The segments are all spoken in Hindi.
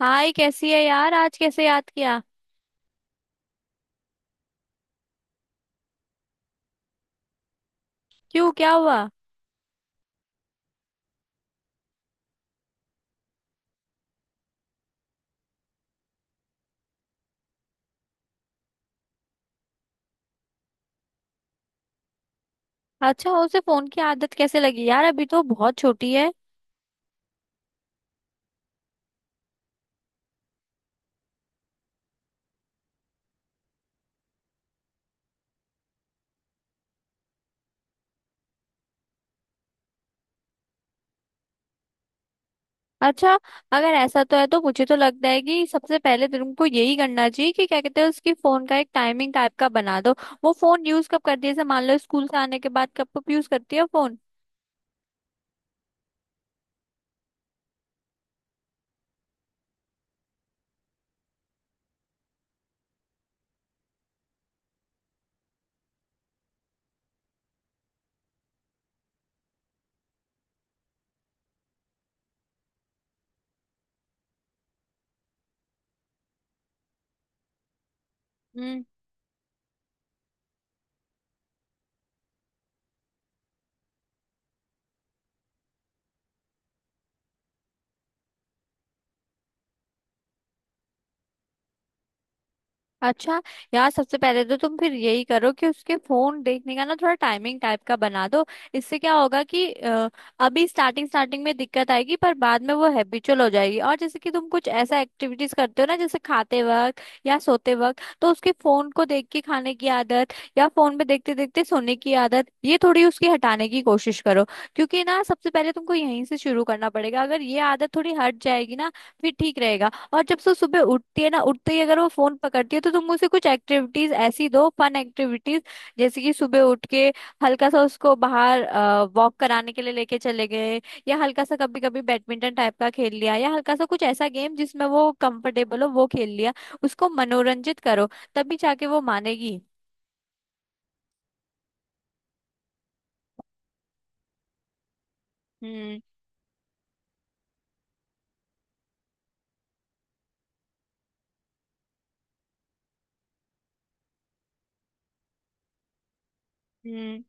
हाय, कैसी है यार? आज कैसे याद किया? क्यों, क्या हुआ? अच्छा, उसे फोन की आदत कैसे लगी यार? अभी तो बहुत छोटी है। अच्छा, अगर ऐसा तो है तो मुझे तो लगता है कि सबसे पहले तुमको यही करना चाहिए कि क्या कहते हैं, उसकी फोन का एक टाइमिंग टाइप का बना दो। वो फोन यूज कब करती है? जैसे मान लो, स्कूल से आने के बाद कब कब यूज करती है फोन? अच्छा, यार सबसे पहले तो तुम फिर यही करो कि उसके फोन देखने का ना थोड़ा टाइमिंग टाइप का बना दो। इससे क्या होगा कि अभी स्टार्टिंग स्टार्टिंग में दिक्कत आएगी, पर बाद में वो हैबिचुअल हो जाएगी। और जैसे कि तुम कुछ ऐसा एक्टिविटीज करते हो ना, जैसे खाते वक्त या सोते वक्त, तो उसके फोन को देख के खाने की आदत या फोन पे देखते देखते सोने की आदत, ये थोड़ी उसकी हटाने की कोशिश करो। क्योंकि ना सबसे पहले तुमको यहीं से शुरू करना पड़ेगा। अगर ये आदत थोड़ी हट जाएगी ना, फिर ठीक रहेगा। और जब सुबह उठती है ना, उठते ही अगर वो फोन पकड़ती है तो तुम उसे कुछ एक्टिविटीज ऐसी दो, फन एक्टिविटीज। जैसे कि सुबह उठ के हल्का सा उसको बाहर वॉक कराने के लिए लेके चले गए, या हल्का सा कभी कभी बैडमिंटन टाइप का खेल लिया, या हल्का सा कुछ ऐसा गेम जिसमें वो कंफर्टेबल हो वो खेल लिया। उसको मनोरंजित करो, तभी जाके वो मानेगी। हम्म।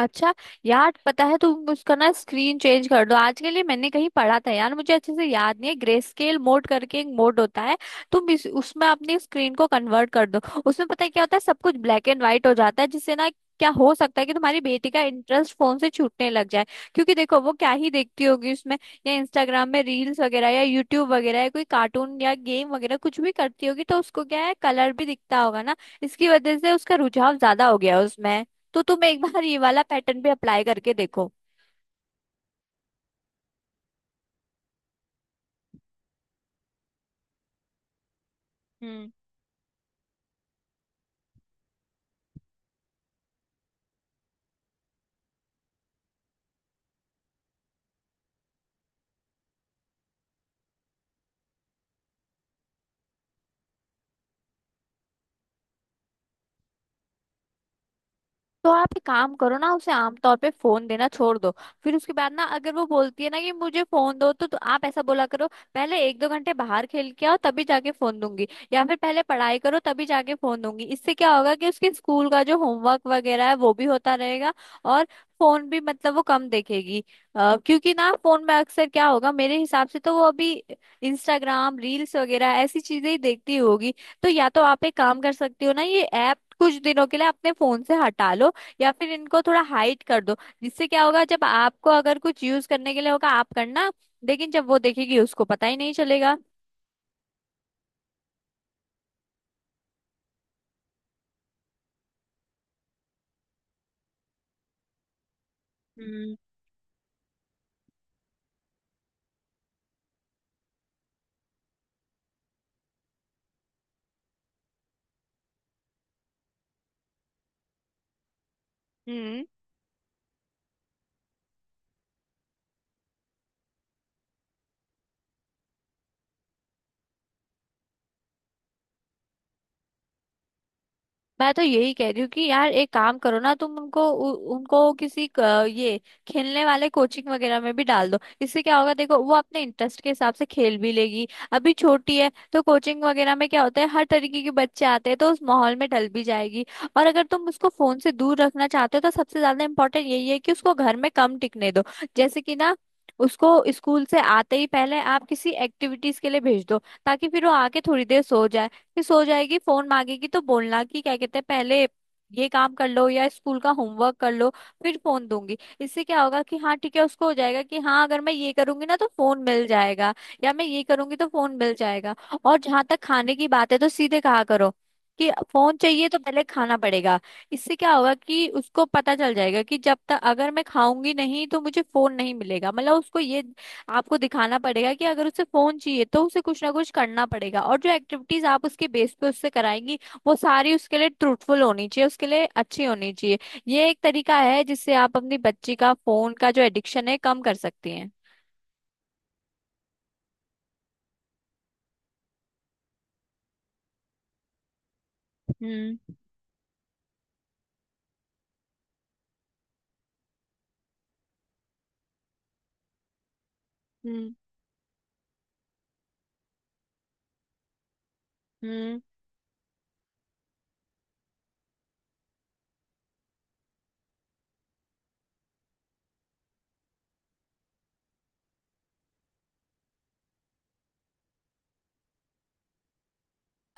अच्छा, यार पता है तुम उसका ना स्क्रीन चेंज कर दो आज के लिए। मैंने कहीं पढ़ा था यार, मुझे अच्छे से याद नहीं है, ग्रे स्केल मोड करके एक मोड होता है। तुम उसमें अपनी स्क्रीन को कन्वर्ट कर दो। उसमें पता है क्या होता है, सब कुछ ब्लैक एंड व्हाइट हो जाता है, जिससे ना क्या हो सकता है कि तुम्हारी बेटी का इंटरेस्ट फोन से छूटने लग जाए। क्योंकि देखो वो क्या ही देखती होगी उसमें, या इंस्टाग्राम में रील्स वगैरह, या यूट्यूब वगैरह, या कोई कार्टून या गेम वगैरह, कुछ भी करती होगी तो उसको क्या है, कलर भी दिखता होगा ना। इसकी वजह से उसका रुझाव ज्यादा हो गया उसमें। तो तुम एक बार ये वाला पैटर्न भी अप्लाई करके देखो। तो आप एक काम करो ना, उसे आमतौर पे फोन देना छोड़ दो। फिर उसके बाद ना अगर वो बोलती है ना कि मुझे फोन दो तो आप ऐसा बोला करो, पहले 1-2 घंटे बाहर खेल के आओ तभी जाके फोन दूंगी। या फिर पहले पढ़ाई करो तभी जाके फोन दूंगी। इससे क्या होगा कि उसके स्कूल का जो होमवर्क वगैरह है वो भी होता रहेगा, और फोन भी मतलब वो कम देखेगी। क्योंकि ना फोन में अक्सर क्या होगा, मेरे हिसाब से तो वो अभी इंस्टाग्राम रील्स वगैरह ऐसी चीजें ही देखती होगी। तो या तो आप एक काम कर सकती हो ना, ये ऐप कुछ दिनों के लिए अपने फोन से हटा लो, या फिर इनको थोड़ा हाइड कर दो। जिससे क्या होगा, जब आपको अगर कुछ यूज करने के लिए होगा आप करना, लेकिन जब वो देखेगी उसको पता ही नहीं चलेगा। हम्म। मैं तो यही कह रही हूँ कि यार एक काम करो ना, तुम उनको उनको किसी ये खेलने वाले कोचिंग वगैरह में भी डाल दो। इससे क्या होगा, देखो वो अपने इंटरेस्ट के हिसाब से खेल भी लेगी। अभी छोटी है तो कोचिंग वगैरह में क्या होता है, हर तरीके के बच्चे आते हैं, तो उस माहौल में ढल भी जाएगी। और अगर तुम उसको फोन से दूर रखना चाहते हो तो सबसे ज्यादा इम्पोर्टेंट यही है कि उसको घर में कम टिकने दो। जैसे कि ना उसको स्कूल से आते ही पहले आप किसी एक्टिविटीज के लिए भेज दो, ताकि फिर वो आके थोड़ी देर सो जाए। फिर सो जाएगी, फोन मांगेगी तो बोलना कि क्या कहते हैं, पहले ये काम कर लो या स्कूल का होमवर्क कर लो, फिर फोन दूंगी। इससे क्या होगा कि हाँ ठीक है, उसको हो जाएगा कि हाँ अगर मैं ये करूंगी ना तो फोन मिल जाएगा, या मैं ये करूंगी तो फोन मिल जाएगा। और जहां तक खाने की बात है तो सीधे कहा करो कि फोन चाहिए तो पहले खाना पड़ेगा। इससे क्या होगा कि उसको पता चल जाएगा कि जब तक अगर मैं खाऊंगी नहीं तो मुझे फोन नहीं मिलेगा। मतलब उसको ये आपको दिखाना पड़ेगा कि अगर उसे फोन चाहिए तो उसे कुछ ना कुछ करना पड़ेगा, और जो एक्टिविटीज आप उसके बेस पे उससे कराएंगी वो सारी उसके लिए ट्रूथफुल होनी चाहिए, उसके लिए अच्छी होनी चाहिए। ये एक तरीका है जिससे आप अपनी बच्ची का फोन का जो एडिक्शन है कम कर सकती हैं। हम्म। हम्म। हम्म।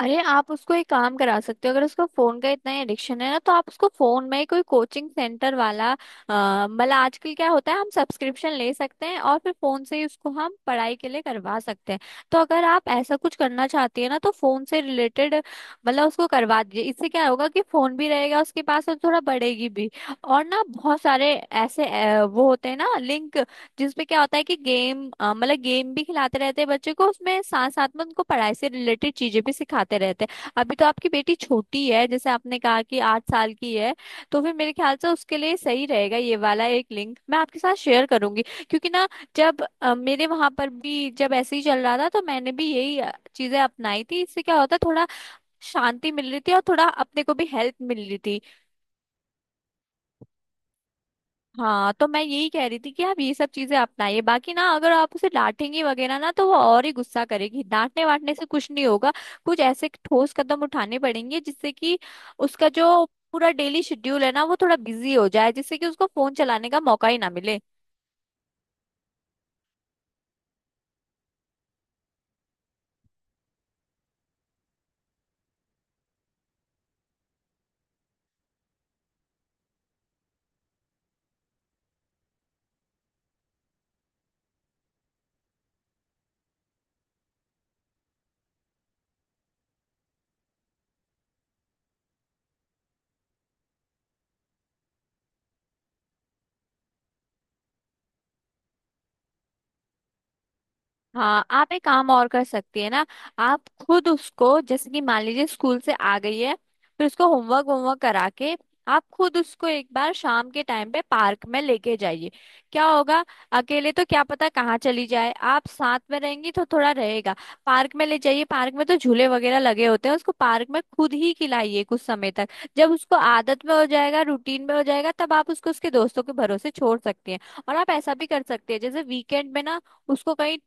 अरे, आप उसको एक काम करा सकते हो। अगर उसको फोन का इतना एडिक्शन है ना, तो आप उसको फोन में कोई कोचिंग सेंटर वाला मतलब आजकल क्या होता है, हम सब्सक्रिप्शन ले सकते हैं और फिर फोन से ही उसको हम पढ़ाई के लिए करवा सकते हैं। तो अगर आप ऐसा कुछ करना चाहती है ना, तो फोन से रिलेटेड मतलब उसको करवा दीजिए। इससे क्या होगा कि फोन भी रहेगा उसके पास और थोड़ा बढ़ेगी भी। और ना बहुत सारे ऐसे वो होते हैं ना लिंक, जिसमें क्या होता है कि गेम मतलब गेम भी खिलाते रहते हैं बच्चे को, उसमें साथ साथ में उनको पढ़ाई से रिलेटेड चीजें भी सिखाते रहते हैं। अभी तो आपकी बेटी छोटी है, जैसे आपने कहा कि 8 साल की है, तो फिर मेरे ख्याल से उसके लिए सही रहेगा। ये वाला एक लिंक मैं आपके साथ शेयर करूंगी। क्योंकि ना जब मेरे वहां पर भी जब ऐसे ही चल रहा था तो मैंने भी यही चीजें अपनाई थी। इससे क्या होता है, थोड़ा शांति मिल रही थी और थोड़ा अपने को भी हेल्प मिल रही थी। हाँ, तो मैं यही कह रही थी कि आप ये सब चीजें अपनाइए। बाकी ना अगर आप उसे डांटेंगी वगैरह ना तो वो और ही गुस्सा करेगी, डांटने वाटने से कुछ नहीं होगा। कुछ ऐसे ठोस कदम उठाने पड़ेंगे जिससे कि उसका जो पूरा डेली शेड्यूल है ना वो थोड़ा बिजी हो जाए, जिससे कि उसको फोन चलाने का मौका ही ना मिले। हाँ, आप एक काम और कर सकती है ना। आप खुद उसको जैसे कि मान लीजिए स्कूल से आ गई है, फिर उसको होमवर्क होमवर्क करा के आप खुद उसको एक बार शाम के टाइम पे पार्क में लेके जाइए। क्या होगा, अकेले तो क्या पता कहाँ चली जाए, आप साथ में रहेंगी तो थोड़ा रहेगा। पार्क में ले जाइए, पार्क में तो झूले वगैरह लगे होते हैं, उसको पार्क में खुद ही खिलाइए कुछ समय तक। जब उसको आदत में हो जाएगा, रूटीन में हो जाएगा, तब आप उसको उसके दोस्तों के भरोसे छोड़ सकती हैं। और आप ऐसा भी कर सकते हैं, जैसे वीकेंड में ना उसको कहीं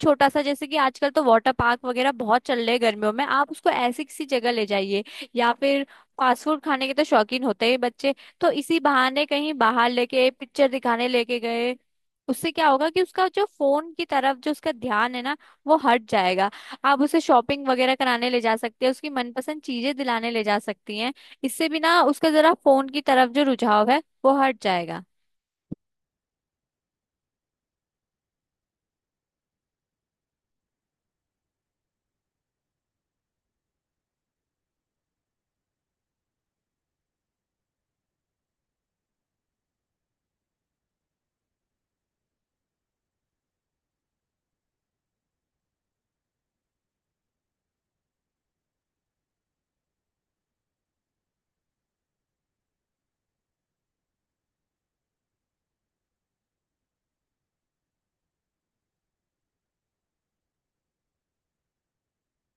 छोटा सा, जैसे कि आजकल तो वाटर पार्क वगैरह बहुत चल रहे हैं गर्मियों में, आप उसको ऐसी किसी जगह ले जाइए, या फिर फास्ट फूड खाने के तो शौकीन होते ही बच्चे, तो इसी बहाने कहीं बाहर लेके पिक्चर दिखाने लेके गए। उससे क्या होगा कि उसका जो फोन की तरफ जो उसका ध्यान है ना, वो हट जाएगा। आप उसे शॉपिंग वगैरह कराने ले जा सकते हैं, उसकी मनपसंद चीजें दिलाने ले जा सकती हैं। इससे भी ना उसका जरा फोन की तरफ जो रुझाव है वो हट जाएगा।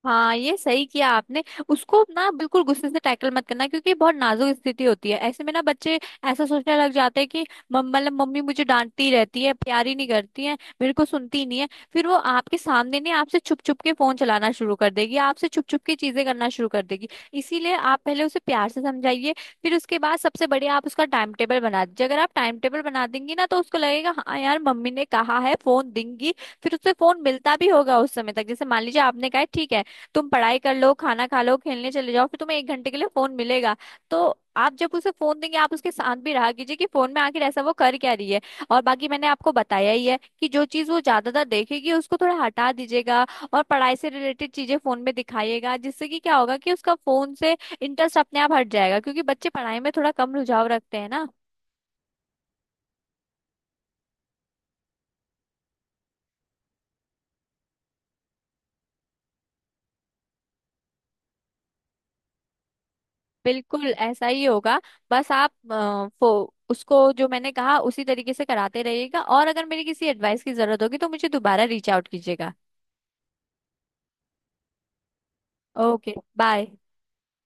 हाँ, ये सही किया आपने। उसको ना बिल्कुल गुस्से से टैकल मत करना, क्योंकि बहुत नाजुक स्थिति होती है। ऐसे में ना बच्चे ऐसा सोचने लग जाते हैं कि मतलब मम्मी मुझे डांटती रहती है, प्यार ही नहीं करती है, मेरे को सुनती ही नहीं है। फिर वो आपके सामने नहीं, आपसे छुप छुप के फोन चलाना शुरू कर देगी, आपसे छुप छुप के चीजें करना शुरू कर देगी। इसीलिए आप पहले उसे प्यार से समझाइए। फिर उसके बाद सबसे बढ़िया, आप उसका टाइम टेबल बना दीजिए। अगर आप टाइम टेबल बना देंगी ना तो उसको लगेगा, हाँ यार मम्मी ने कहा है फोन देंगी। फिर उससे फोन मिलता भी होगा उस समय तक। जैसे मान लीजिए आपने कहा है, ठीक है तुम पढ़ाई कर लो, खाना खा लो, खेलने चले जाओ, फिर तुम्हें 1 घंटे के लिए फोन मिलेगा। तो आप जब उसे फोन देंगे, आप उसके साथ भी रहा कीजिए कि फोन में आखिर ऐसा वो कर क्या रही है। और बाकी मैंने आपको बताया ही है कि जो चीज वो ज्यादातर देखेगी उसको थोड़ा हटा दीजिएगा, और पढ़ाई से रिलेटेड चीजें फोन में दिखाइएगा, जिससे कि क्या होगा कि उसका फोन से इंटरेस्ट अपने आप हट जाएगा, क्योंकि बच्चे पढ़ाई में थोड़ा कम रुझाव रखते हैं ना। बिल्कुल ऐसा ही होगा। बस आप उसको जो मैंने कहा उसी तरीके से कराते रहिएगा, और अगर मेरी किसी एडवाइस की जरूरत होगी तो मुझे दोबारा रीच आउट कीजिएगा। Okay bye.